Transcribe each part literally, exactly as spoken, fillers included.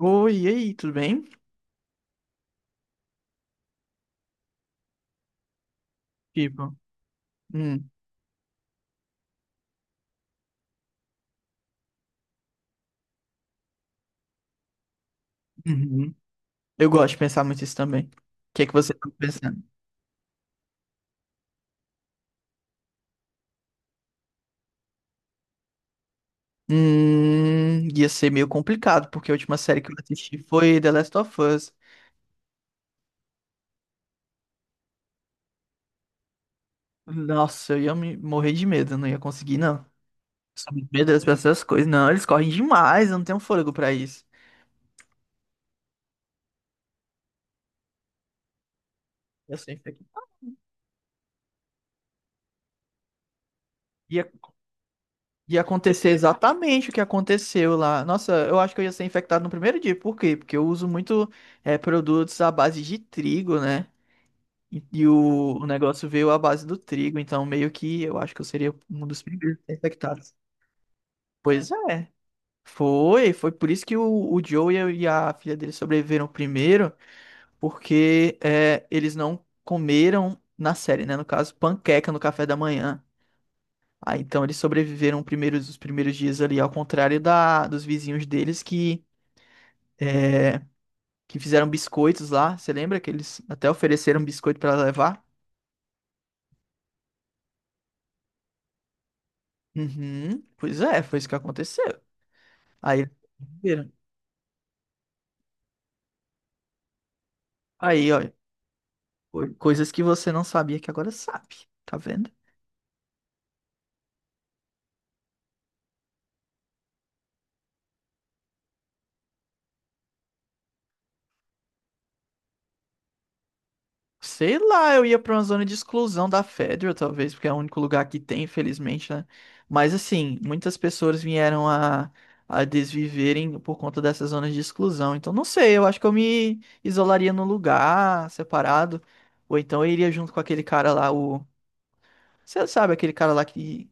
Oi, e aí, tudo bem? Tipo, hum, Uhum. Eu gosto de pensar muito isso também. O que é que você tá pensando? Hum, ia ser meio complicado, porque a última série que eu assisti foi The Last of Us. Nossa, eu ia me morrer de medo, eu não ia conseguir, não. Sou muito medo dessas coisas. Não, eles correm demais, eu não tenho fôlego pra isso. Eu sei que ia, ia acontecer exatamente o que aconteceu lá. Nossa, eu acho que eu ia ser infectado no primeiro dia. Por quê? Porque eu uso muito eh, produtos à base de trigo, né? E, e o, o negócio veio à base do trigo, então meio que eu acho que eu seria um dos primeiros infectados. Pois é. Foi, foi por isso que o, o Joe e a e a filha dele sobreviveram primeiro, porque é, eles não comeram na série, né? No caso, panqueca no café da manhã. Ah, então eles sobreviveram primeiros, os primeiros dias ali, ao contrário da, dos vizinhos deles que, é, que fizeram biscoitos lá. Você lembra que eles até ofereceram biscoito para levar? Uhum. Pois é, foi isso que aconteceu. Aí, viram. Aí, ó, co- coisas que você não sabia que agora sabe, tá vendo? Sei lá, eu ia pra uma zona de exclusão da Federal, talvez, porque é o único lugar que tem, infelizmente, né? Mas assim, muitas pessoas vieram a, a desviverem por conta dessas zonas de exclusão. Então, não sei, eu acho que eu me isolaria num lugar separado, ou então eu iria junto com aquele cara lá, o. Você sabe, aquele cara lá que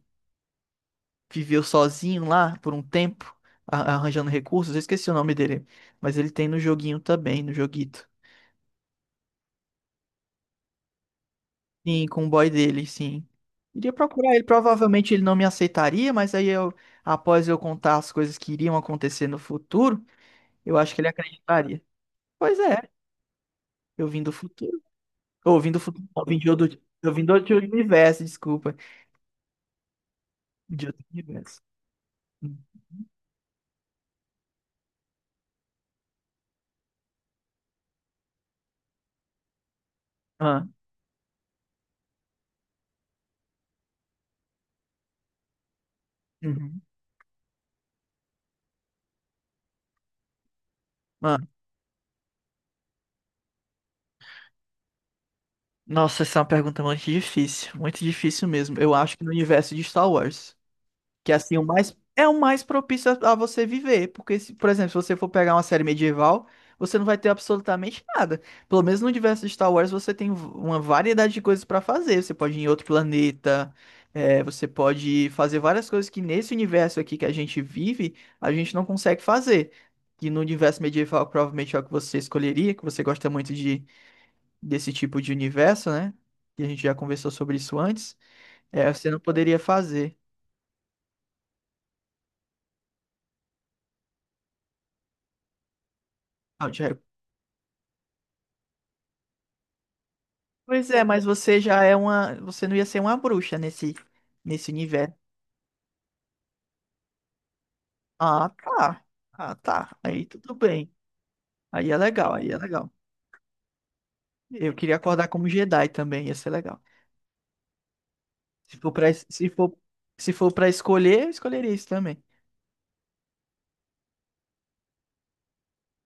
viveu sozinho lá por um tempo, a- arranjando recursos. Eu esqueci o nome dele, mas ele tem no joguinho também, no joguito. Sim, com o boy dele, sim. Iria procurar ele, provavelmente ele não me aceitaria, mas aí eu, após eu contar as coisas que iriam acontecer no futuro, eu acho que ele acreditaria. Pois é, eu vim do futuro. Ou vim do futuro, não, vim de outro, eu vim do outro universo, desculpa. De outro universo. Ah, uhum. Ah, nossa, essa é uma pergunta muito difícil, muito difícil mesmo. Eu acho que no universo de Star Wars. Que assim, o mais é o mais propício a a você viver, porque se, por exemplo, se você for pegar uma série medieval, você não vai ter absolutamente nada. Pelo menos no universo de Star Wars você tem v- uma variedade de coisas pra fazer. Você pode ir em outro planeta, é, você pode fazer várias coisas que nesse universo aqui que a gente vive, a gente não consegue fazer. Que no universo medieval provavelmente é o que você escolheria, que você gosta muito de desse tipo de universo, né? Que a gente já conversou sobre isso antes. É, você não poderia fazer. Ah, o Harry. Pois é, mas você já é uma. Você não ia ser uma bruxa nesse, nesse universo. Ah, tá. Ah, tá. Aí tudo bem. Aí é legal, aí é legal. Eu queria acordar como Jedi também, ia ser legal. Se for pra, es- se for, se for pra escolher, eu escolheria isso também.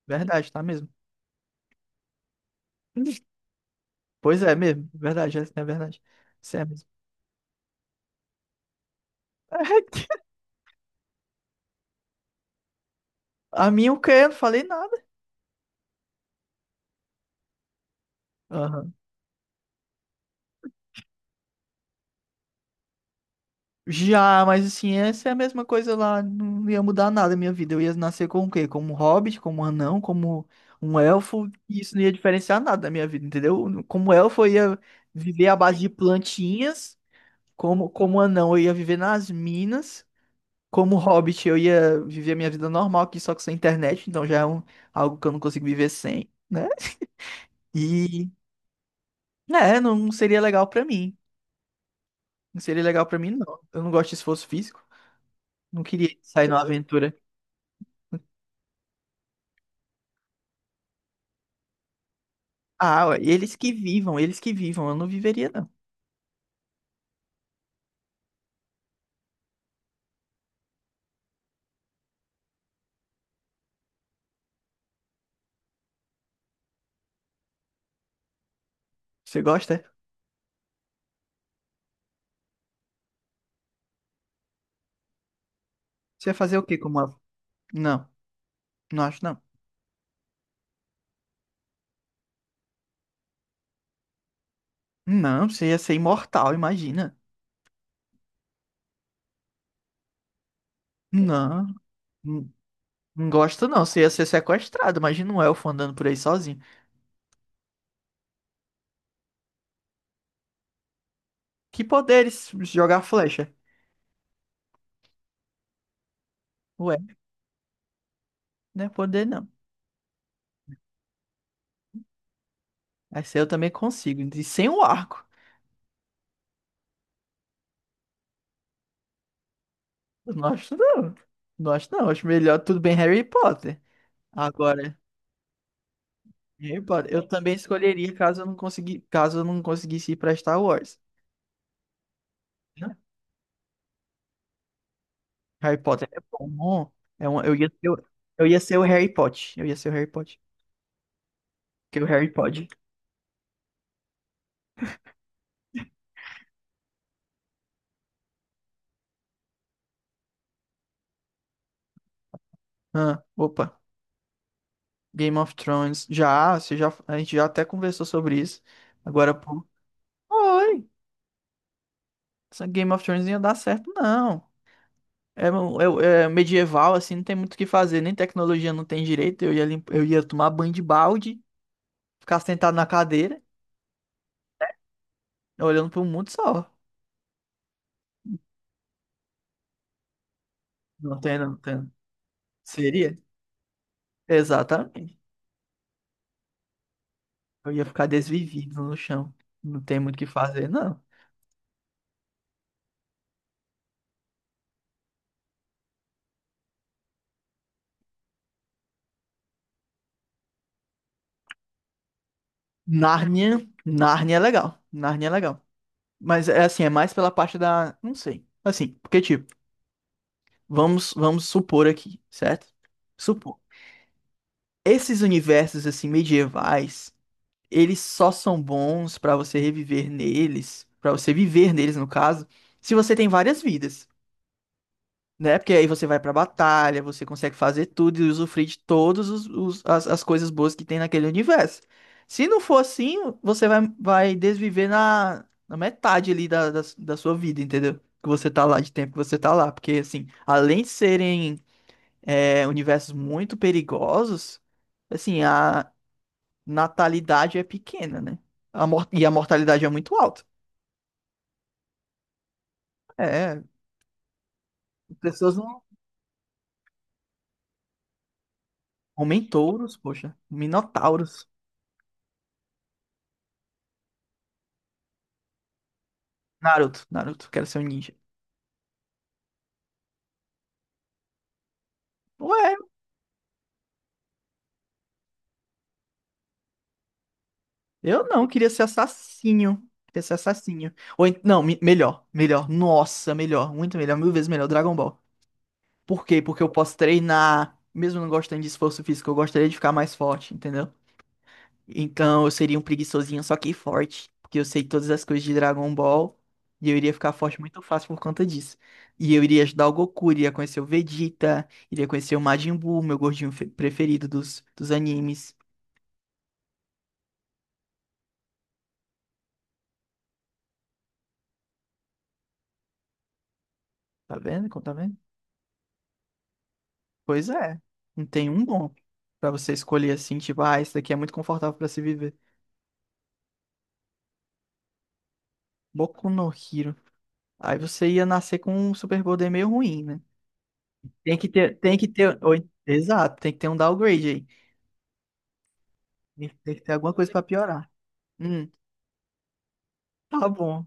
Verdade, tá mesmo? Pois é mesmo. Verdade, essa é verdade. Isso é mesmo. A minha o quê? Eu não falei nada. Aham. Já, mas assim, essa é a mesma coisa lá, não ia mudar nada a minha vida. Eu ia nascer com o quê? Como um hobbit, como um anão, como um elfo, e isso não ia diferenciar nada da minha vida, entendeu? Como elfo, eu ia viver à base de plantinhas, como, como anão, eu ia viver nas minas, como hobbit, eu ia viver a minha vida normal aqui, só que sem internet, então já é um, algo que eu não consigo viver sem, né? E, né, não seria legal pra mim. Não seria legal pra mim, não. Eu não gosto de esforço físico, não queria sair numa aventura. Ah, ué, eles que vivam, eles que vivam. Eu não viveria, não. Você gosta? É? Você ia fazer o quê como ave? Não, não acho não. Não, você ia ser imortal, imagina. Não, não não gosto não. Você ia ser sequestrado. Imagina um elfo andando por aí sozinho. Que poderes? Jogar flecha. Ué, não é poder não. Essa eu também consigo. E sem o arco. Eu não acho não. Não acho não. Acho melhor tudo bem Harry Potter. Agora, Harry Potter. Eu também escolheria caso eu não consegui, caso eu não conseguisse ir pra Star Wars. Harry Potter é bom. É um, eu ia ser, o- eu ia ser o Harry Potter. Eu ia ser o Harry Potter. Que o Harry Potter. Ah, opa. Game of Thrones. Já, você já, a gente já até conversou sobre isso. Agora, pô. Oi! Essa Game of Thrones não ia dar certo, não. É, um- é- é medieval, assim, não tem muito o que fazer. Nem tecnologia não tem direito. Eu ia, limp- eu ia tomar banho de balde, ficar sentado na cadeira, olhando pro mundo só. Não tem, não tem. Seria? Exatamente. Eu ia ficar desvivido no chão. Não tem muito o que fazer, não. Nárnia, Nárnia é legal. Nárnia é legal. Mas é assim, é mais pela parte da, não sei. Assim, porque tipo, vamos vamos supor aqui, certo? Supor. Esses universos assim medievais, eles só são bons pra você reviver neles, pra você viver neles no caso, se você tem várias vidas. Né? Porque aí você vai pra batalha, você consegue fazer tudo e usufruir de todas os, os- as, as coisas boas que tem naquele universo. Se não for assim, você vai, vai desviver na, na metade ali da, da, da sua vida, entendeu? Que você tá lá, de tempo que você tá lá. Porque, assim, além de serem é, universos muito perigosos, assim, a natalidade é pequena, né? A mor- e a mortalidade é muito alta. É, pessoas não. Homem-touros, poxa. Minotauros. Naruto, Naruto, quero ser um ninja. Ué, eu não, queria ser assassino. Queria ser assassino. Ou, en- não, me- melhor, melhor. Nossa, melhor, muito melhor, mil vezes melhor, Dragon Ball. Por quê? Porque eu posso treinar, mesmo não gostando de esforço físico, eu gostaria de ficar mais forte, entendeu? Então eu seria um preguiçosinho, só que forte. Porque eu sei todas as coisas de Dragon Ball. E eu iria ficar forte muito fácil por conta disso. E eu iria ajudar o Goku, iria conhecer o Vegeta, iria conhecer o Majin Buu, meu gordinho fe- preferido dos, dos animes. Tá vendo? Como Tá vendo? Pois é, não tem um bom pra você escolher assim, tipo, ah, esse daqui é muito confortável pra se viver. Boku no Hero. Aí você ia nascer com um superpoder meio ruim, né? Tem que ter, tem que ter, ou- exato, tem que ter um downgrade aí. Tem tem que ter alguma coisa pra piorar. Hum, tá bom.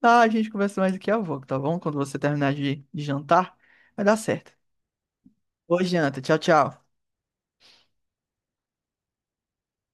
Tá, a gente conversa mais daqui a pouco, tá bom? Quando você terminar de, de jantar, vai dar certo. Boa janta, tchau, tchau.